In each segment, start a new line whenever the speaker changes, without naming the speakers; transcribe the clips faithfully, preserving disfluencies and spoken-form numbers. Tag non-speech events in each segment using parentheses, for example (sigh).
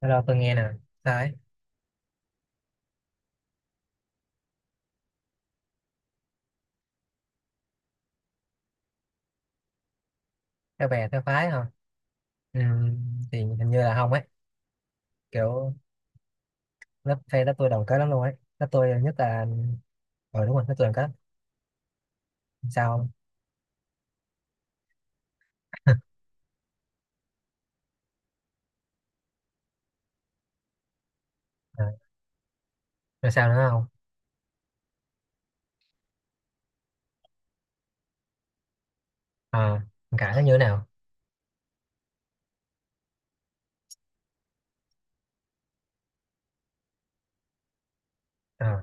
Hello, tôi nghe nè. Sao ấy? Theo bè, theo phái hả? Ừ, thì hình như là không ấy. Kiểu lớp phe lớp tôi đồng kết lắm luôn ấy. Lớp tôi nhất là... Ờ đúng rồi, lớp tôi đồng kết. Sao không? (laughs) À, rồi sao nữa không? À, cãi nó như thế nào? À,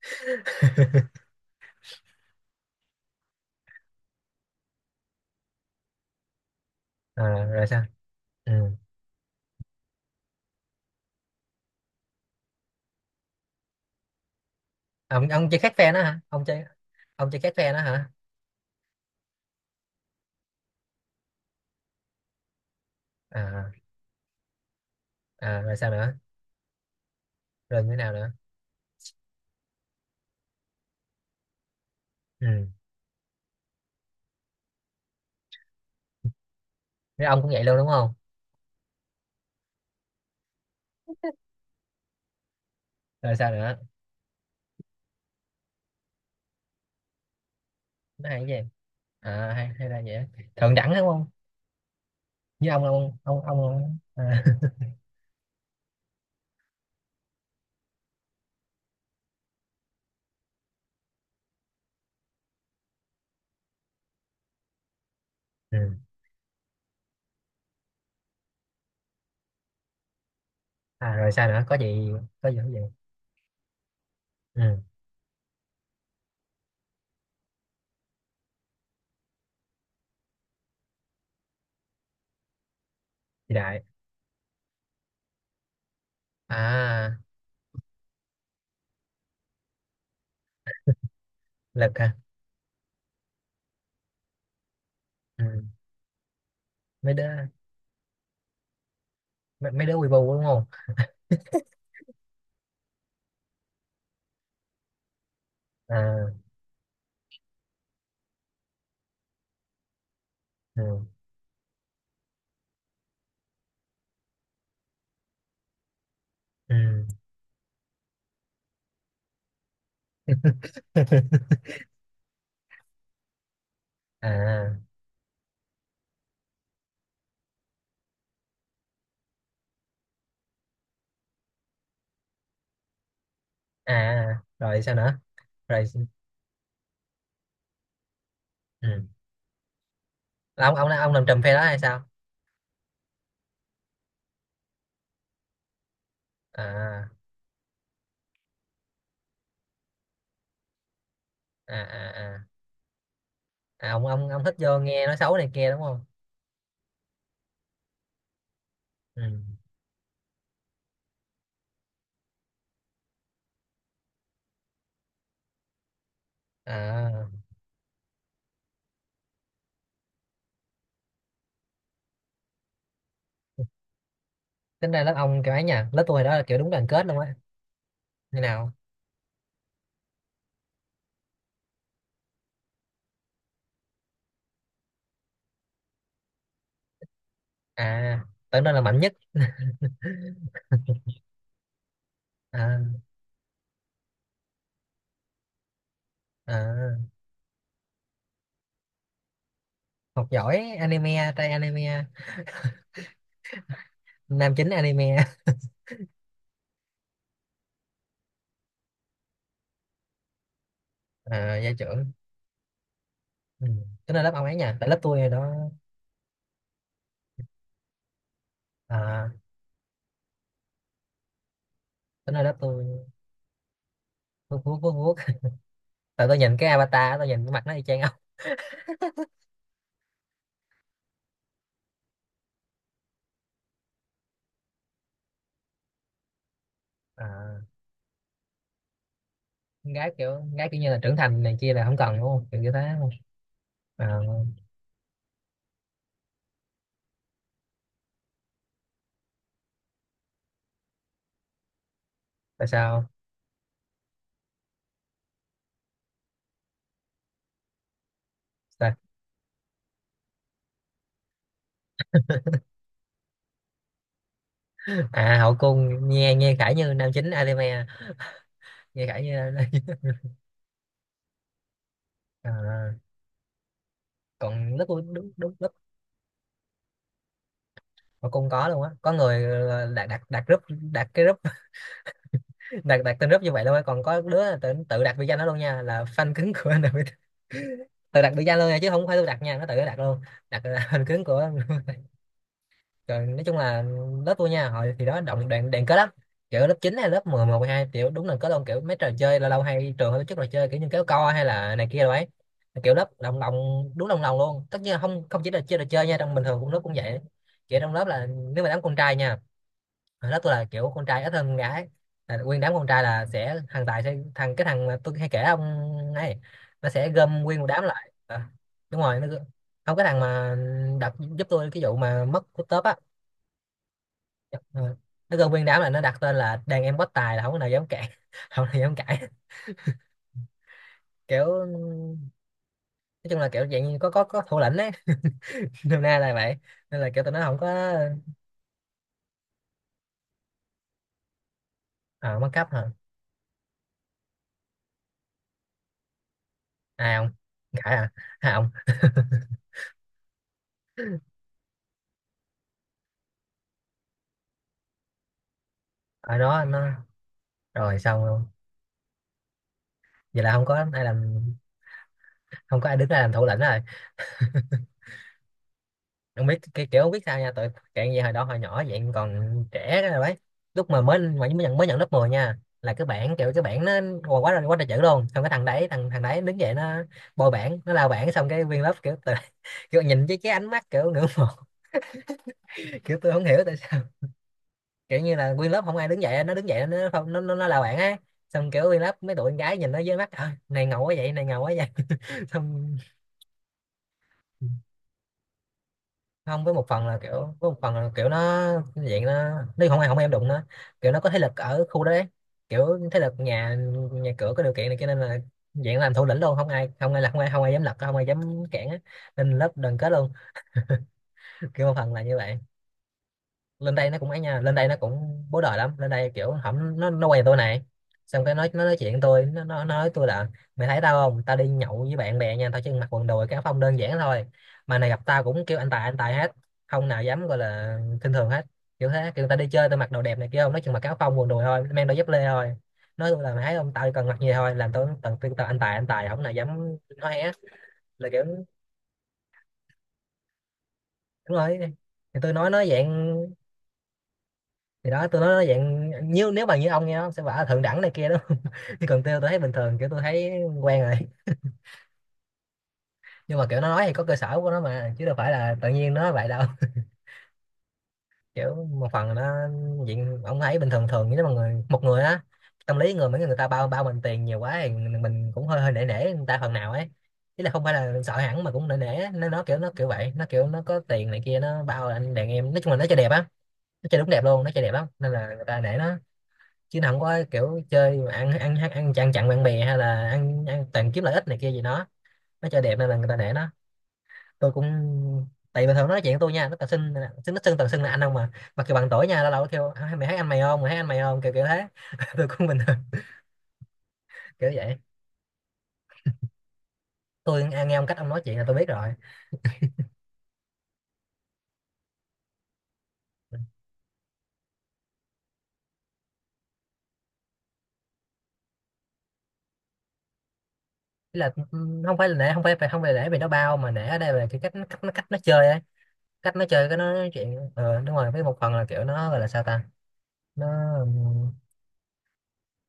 (laughs) à, rồi sao? Ừ. Ông, ông chơi khác phe nó hả? Ông chơi ông chơi khác phe nó hả? À, à, rồi sao nữa? Rồi như thế nào nữa? Ừ. Thế ông cũng vậy luôn đúng không? Rồi sao nữa? Nó hay cái gì? À, hay, hay là vậy. Thượng đẳng đúng không? Với ông, ông, ông, ông, à. Ừ. À, rồi sao nữa, có gì, có gì, có gì? Ừ. Chị đại à. Lực hả? Ừ. mấy đứa mấy, mấy đứa quy bu đúng không? À. Ừ. Ừ. (laughs) À, à, rồi sao nữa rồi? Ừ. Là ông ông ông làm trùm phe đó hay sao? À à à, à. À, ông ông ông thích vô nghe nói xấu này kia đúng không? Ừ. À, tính ra lớp ông cái ấy nha, lớp tôi hồi đó là kiểu đúng đoàn kết luôn á. Như nào? À, tưởng đâu là mạnh nhất. (laughs) À, à, học giỏi anime, trai anime. Nam chính anime. (laughs) À, gia trưởng. Ừ. Tính là lớp ông ấy nha, tại lớp tôi đó. À, tính là lớp tôi. Vuốt vuốt vuốt vuốt. (laughs) Tại tôi nhìn cái avatar, tôi nhìn cái mặt nó y chang ông. À, con gái kiểu, con gái kiểu như là trưởng thành này kia là không cần đúng không, kiểu như thế đúng không? À, tại sao? Tại- À, hậu cung. Nghe nghe khải như nam chính anime. Nghe khải như. (laughs) À, còn lớp tôi đúng đúng lớp. Hậu cung có luôn á, có người ờ, đặt đặt đặt group. Đặt cái group. Đặt đặt tên group như vậy luôn á, còn có đứa tự, tự đặt biệt danh đó luôn nha, là fan cứng của en pi ti. Tự đặt biệt danh luôn nha, chứ không phải tôi đặt nha, nó tự nó đặt luôn. Đặt là fan cứng của. Rồi nói chung là lớp tôi nha, hồi thì đó động đoàn đoàn kết lắm. Kiểu lớp chín hay lớp mười mười một mười hai, kiểu đúng là có luôn kiểu mấy trò chơi, lâu lâu hay trường hay tổ chức trò chơi kiểu như kéo co hay là này kia rồi ấy. Kiểu lớp đồng lòng. Đúng đồng lòng luôn, tất nhiên là không, không chỉ là chơi trò chơi nha, trong bình thường cũng lớp cũng vậy. Kiểu trong lớp là nếu mà đám con trai nha, hồi đó tôi là kiểu con trai ít hơn con gái, là nguyên đám con trai là sẽ thằng Tài sẽ thằng cái thằng mà tôi hay kể ông ấy, nó sẽ gom nguyên một đám lại. Ờ, Đúng rồi, nó gom- Không, cái thằng mà đặt giúp tôi cái vụ mà mất của tớp á. Dạ. Ờ, nó gom nguyên đám là nó đặt tên là đàn em bất tài, là không có nào dám cãi. (laughs) Không có nào dám cãi. Kiểu nói chung là kiểu dạng như có có có thủ lĩnh đấy. (laughs) Nôm na là vậy. Nên là kiểu tụi nó không có. Ờ mất cấp hả? Ai không? Cãi à? Ai không? (laughs) Ở đó nó. Rồi xong luôn. Vậy là không có ai làm. Không có ai đứng ra làm thủ lĩnh rồi. Không biết cái kiểu không biết sao nha tụi cạn gì hồi đó hồi nhỏ vậy, còn trẻ rồi đấy. Lúc mà mới mới nhận mới nhận lớp mười nha, là cái bảng, kiểu cái bảng nó quá quá là quá trời chữ luôn, xong cái thằng đấy thằng thằng đấy đứng dậy, nó bôi bảng, nó lao bảng, xong cái nguyên lớp kiểu tự- (laughs) kiểu nhìn với cái ánh mắt kiểu ngưỡng mộ. (laughs) Kiểu tôi không hiểu tại sao. Kiểu như là nguyên lớp không ai đứng dậy, nó đứng dậy nó không nó nó, nó lao bảng á, xong kiểu nguyên lớp mấy tụi con gái nhìn nó với mắt "Ờ, này ngầu quá vậy, này ngầu quá vậy." (laughs) Xong. Không, với một phần là kiểu, với một phần là kiểu nó dạng nó, nếu không ai không em đụng nó, kiểu nó có thế lực ở khu đó đấy. Kiểu thế lực nhà, nhà cửa có điều kiện này cho nên là dạng làm thủ lĩnh luôn, không ai không ai là không ai không ai dám lật, không ai dám cản á. Nên lớp đoàn kết luôn. (laughs) Kiểu một phần là như vậy. Lên đây nó cũng ấy nha, lên đây nó cũng bố đời lắm, lên đây kiểu hổng nó nó quen tôi này, xong cái nói, nó nói chuyện tôi, nó, nó nói tôi là mày thấy tao không, tao đi nhậu với bạn bè nha, tao chỉ mặc quần đùi, cái áo phông đơn giản thôi, mà này gặp tao cũng kêu anh tài anh tài hết, không nào dám gọi, là khinh thường hết. Kiểu thế, kiểu tao đi chơi tao mặc đồ đẹp này kia không, nói chung mặc cái áo phông quần đùi thôi, mang đôi dép lê thôi, nói tôi là mày thấy không, tao chỉ cần mặc gì thôi, làm tôi tao tao tao anh tài anh tài, không nào dám nói hé. Là kiểu đúng rồi, thì tôi nói nói dạng, thì đó tôi nói nó dạng như nếu mà như ông nghe nó sẽ bảo là thượng đẳng này kia đó. (laughs) Chứ còn tôi tôi thấy bình thường, kiểu tôi thấy quen rồi. Nhưng mà kiểu nó nói thì có cơ sở của nó mà, chứ đâu phải là tự nhiên nó nói vậy đâu. Kiểu một phần là nó diện ông thấy bình thường, thường như mà người một người á, tâm lý người mấy người ta bao bao mình tiền nhiều quá thì mình cũng hơi hơi nể nể người ta phần nào ấy. Ý là không phải là sợ hẳn mà cũng nể nể á. nó nó kiểu nó kiểu vậy, nó kiểu nó có tiền này kia, nó bao là anh đàn em, nói chung là nó chơi đẹp á, nó chơi đúng đẹp luôn, nó chơi đẹp lắm nên là người ta nể nó. Chứ nó không có kiểu chơi mà ăn ăn ăn ăn chặn chặn bạn bè, hay là ăn ăn toàn kiếm lợi ích này kia gì đó. Nó chơi đẹp nên là người ta để nó. Tôi cũng, tại bình thường nó nói chuyện với tôi nha, nó toàn xưng, xưng nó xưng toàn xưng là anh không mà, mặc dù bằng tuổi nha, lâu lâu nó kêu "À, mày thấy anh mày không, mày thấy anh mày không," kiểu kiểu thế. (laughs) Tôi cũng bình thường, kiểu vậy. Tôi nghe nghe ông cách ông nói chuyện là tôi biết rồi. Ý là ừm, không phải là nể, không phải không phải nể vì nó bao, mà nể ở đây là cái cách nó, cách nó cách nó chơi ấy, cách nó chơi, cái nó nói chuyện. Ờ đúng rồi, với một phần là kiểu nó gọi là sao ta, nó ừm,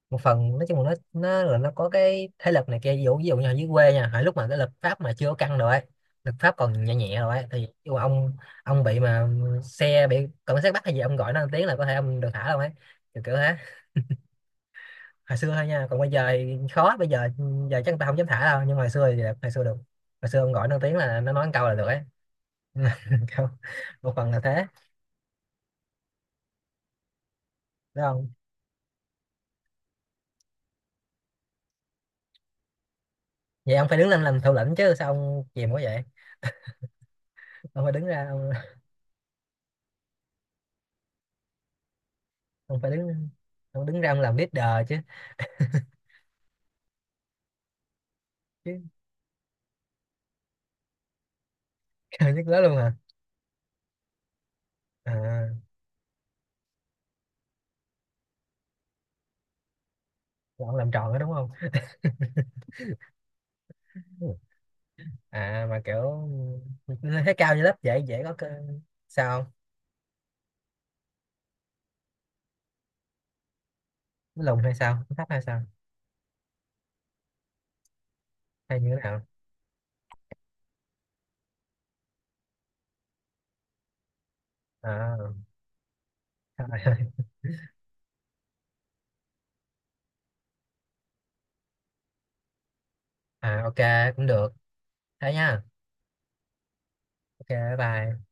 một phần nói chung là nó nó là nó có cái thế lực này kia, ví dụ ví dụ như ở dưới quê nha, hồi lúc mà cái lực pháp mà chưa có căng rồi ấy, lực pháp còn nhẹ nhẹ rồi ấy, thì dù ông ông bị mà xe bị cảnh sát bắt hay gì, ông gọi nó một tiếng là có thể ông được thả đâu ấy, kiểu kiểu thế. Hồi xưa thôi nha, còn bây giờ thì khó, bây giờ giờ chắc người ta không dám thả đâu, nhưng mà hồi xưa thì được, hồi xưa được. Hồi xưa ông gọi nó một tiếng là nó nói một câu là được ấy. (laughs) Câu- một phần là thế, đúng không? Vậy ông phải đứng lên làm thủ lĩnh chứ, sao ông chìm quá vậy? ông phải đứng ra ông, ông phải đứng, ông đứng ra ông làm leader chứ, chứ- Trời nhức nhớ luôn hả? À, lộn, làm tròn đó đúng không? À mà kiểu lên thấy cao như lớp dễ dễ có cơ, sao không? Nó lùn hay sao? Nó thấp hay sao? Hay như thế nào? À, (laughs) trời ơi. À ok, cũng được. Thế nha. Ok bye bye.